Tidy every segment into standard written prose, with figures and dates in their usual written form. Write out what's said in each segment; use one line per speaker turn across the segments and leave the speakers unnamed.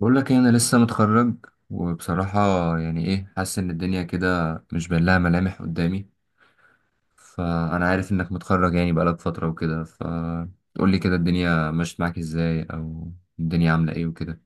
بقول لك إيه، انا لسه متخرج وبصراحة يعني ايه، حاسس ان الدنيا كده مش باين لها ملامح قدامي. فانا عارف انك متخرج يعني بقالك فترة وكده، فتقول لي كده الدنيا مشت معاك ازاي او الدنيا عاملة ايه وكده.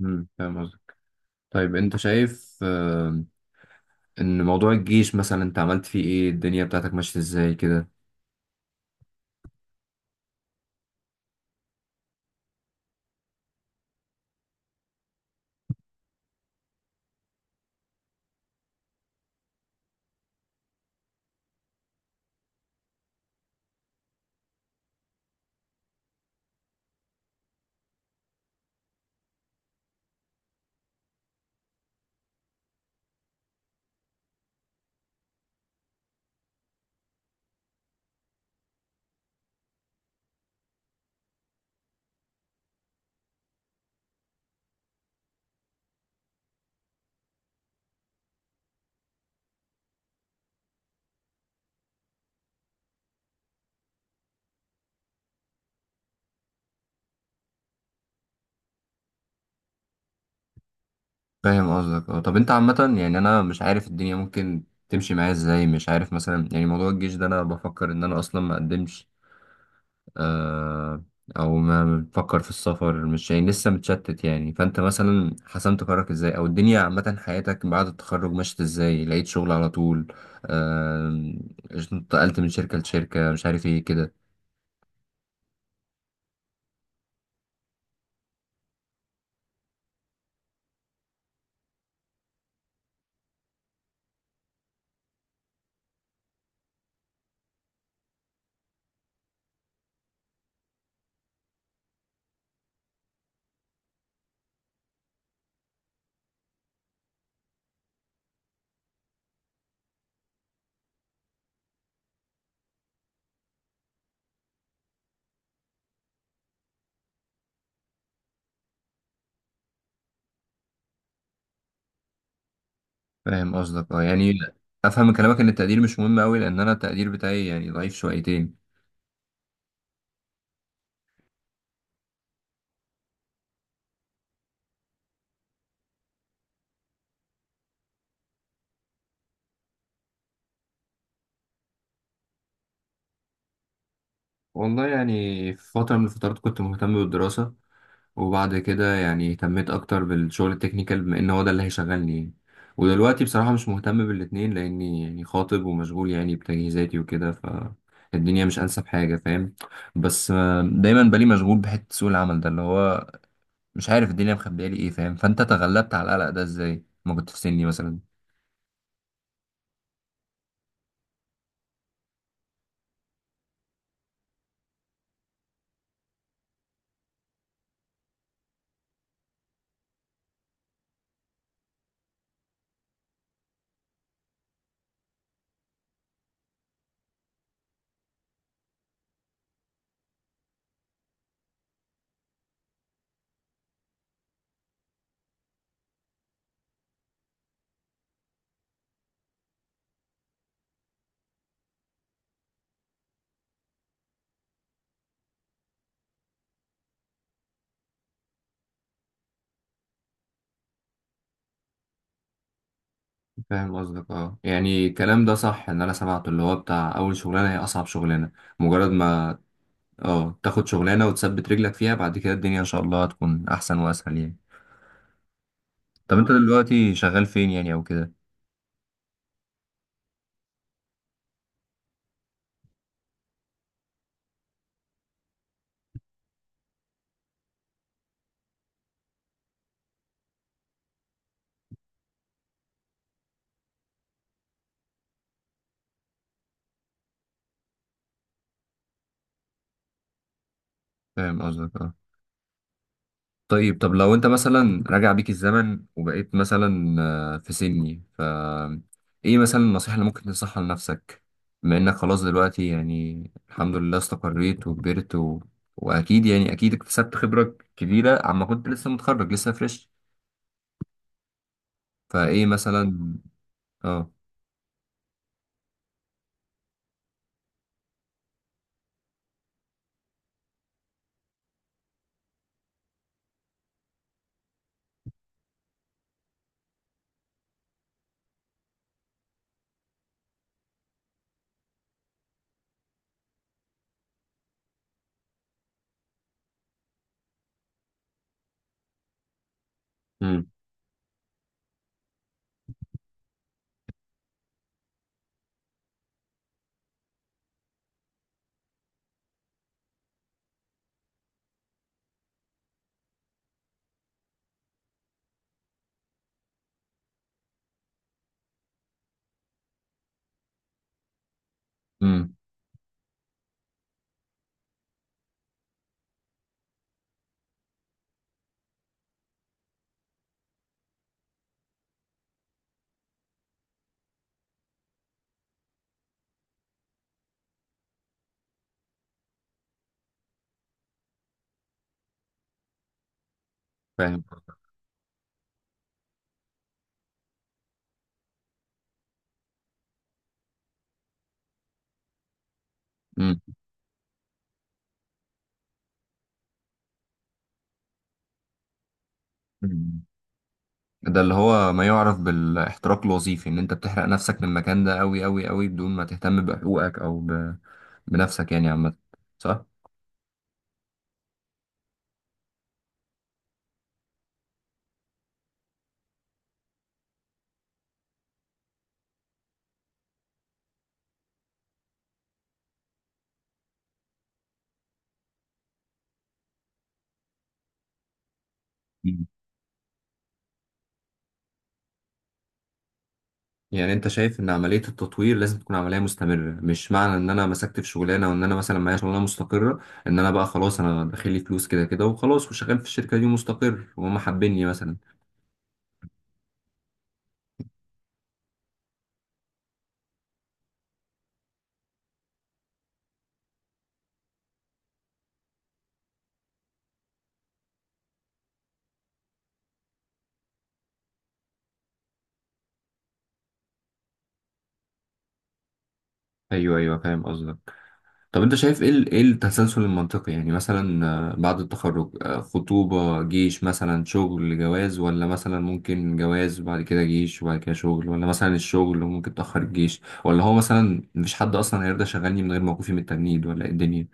فاهم قصدك. طيب انت شايف ان موضوع الجيش مثلا انت عملت فيه ايه، الدنيا بتاعتك ماشية ازاي كده؟ فاهم قصدك. اه طب انت عامة يعني انا مش عارف الدنيا ممكن تمشي معايا ازاي، مش عارف مثلا، يعني موضوع الجيش ده انا بفكر ان انا اصلا ما اقدمش، آه، او ما بتفكر في السفر، مش يعني لسه متشتت. يعني فانت مثلا حسمت قرارك ازاي؟ او الدنيا عامة حياتك بعد التخرج مشيت ازاي؟ لقيت شغل على طول؟ آه، انتقلت من شركة لشركة، مش عارف ايه كده. فاهم قصدك اه. يعني افهم من كلامك ان التقدير مش مهم قوي، لان انا التقدير بتاعي يعني ضعيف شويتين. والله يعني في فترة من الفترات كنت مهتم بالدراسة، وبعد كده يعني اهتميت اكتر بالشغل التكنيكال، بما ان هو ده اللي هيشغلني يعني. ودلوقتي بصراحة مش مهتم بالاتنين، لاني يعني خاطب ومشغول يعني بتجهيزاتي وكده، فالدنيا مش انسب حاجة، فاهم؟ بس دايما بالي مشغول بحتة سوق العمل، ده اللي هو مش عارف الدنيا مخبية لي ايه، فاهم؟ فانت تغلبت على القلق ده ازاي ما كنت في سني مثلا؟ فاهم قصدك اه. يعني الكلام ده صح، ان انا سمعته اللي هو بتاع اول شغلانه هي اصعب شغلانه. مجرد ما اه تاخد شغلانة وتثبت رجلك فيها، بعد كده الدنيا ان شاء الله هتكون احسن واسهل يعني. طب انت دلوقتي شغال فين يعني او كده؟ فاهم قصدك اه. طيب طب لو انت مثلا راجع بيك الزمن وبقيت مثلا في سني، ف ايه مثلا النصيحة اللي ممكن تنصحها لنفسك؟ بما انك خلاص دلوقتي يعني الحمد لله استقريت وكبرت و... واكيد يعني اكيد اكتسبت خبرة كبيرة عما كنت لسه متخرج لسه فريش. فايه مثلا؟ اه. امم امم فاهم. مم. ده اللي هو ما يعرف بالاحتراق الوظيفي، ان انت بتحرق نفسك من المكان ده قوي قوي قوي بدون ما تهتم بحقوقك او ب... بنفسك يعني عامة، صح؟ مم. يعني انت شايف ان عملية التطوير لازم تكون عملية مستمرة، مش معنى ان انا مسكت في شغلانة وان انا مثلا معايا شغلانة مستقرة، ان انا بقى خلاص انا داخل لي فلوس كده كده وخلاص وشغال في الشركة دي مستقر وهم حابيني مثلا. ايوه ايوه فاهم قصدك. طب انت شايف ايه ايه التسلسل المنطقي يعني؟ مثلا بعد التخرج خطوبة، جيش مثلا، شغل، جواز؟ ولا مثلا ممكن جواز وبعد كده جيش وبعد كده شغل؟ ولا مثلا الشغل وممكن تأخر الجيش؟ ولا هو مثلا مفيش حد اصلا هيرضى يشغلني من غير موقفي من التجنيد؟ ولا ايه الدنيا؟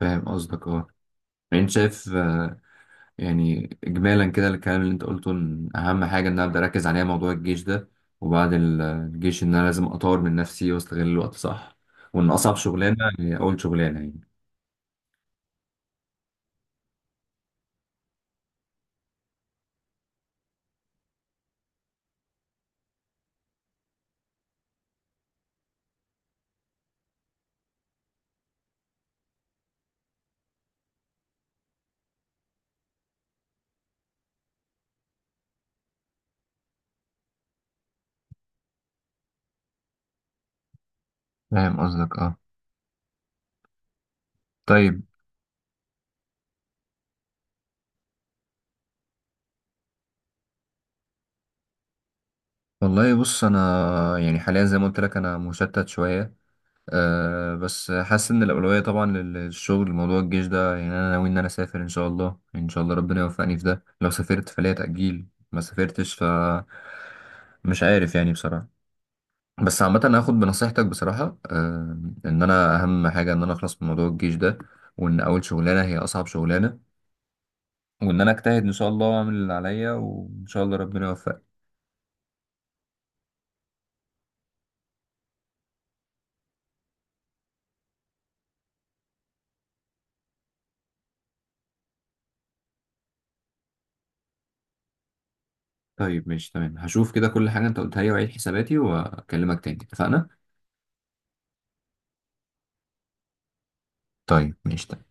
فاهم قصدك اه. يعني انت شايف يعني اجمالا كده الكلام اللي انت قلته، ان اهم حاجة ان انا ابدا اركز عليها موضوع الجيش ده، وبعد الجيش ان انا لازم اطور من نفسي واستغل الوقت، صح؟ وان اصعب شغلانة هي اول شغلانة يعني. فاهم قصدك اه. طيب. والله بص انا يعني حاليا زي ما قلت لك انا مشتت شويه. أه بس حاسس ان الاولويه طبعا للشغل. موضوع الجيش ده يعني انا ناوي ان انا اسافر ان شاء الله، ان شاء الله ربنا يوفقني في ده. لو سافرت فليا تاجيل، ما سافرتش ف مش عارف يعني بصراحه. بس عامه أنا هاخد بنصيحتك بصراحه، أه، ان انا اهم حاجه ان انا اخلص من موضوع الجيش ده، وان اول شغلانه هي اصعب شغلانه، وان انا اجتهد ان شاء الله واعمل اللي عليا وان شاء الله ربنا يوفقني. طيب ماشي تمام، هشوف كده كل حاجة انت قلتها لي وعيد حساباتي واكلمك تاني، اتفقنا؟ طيب ماشي تمام.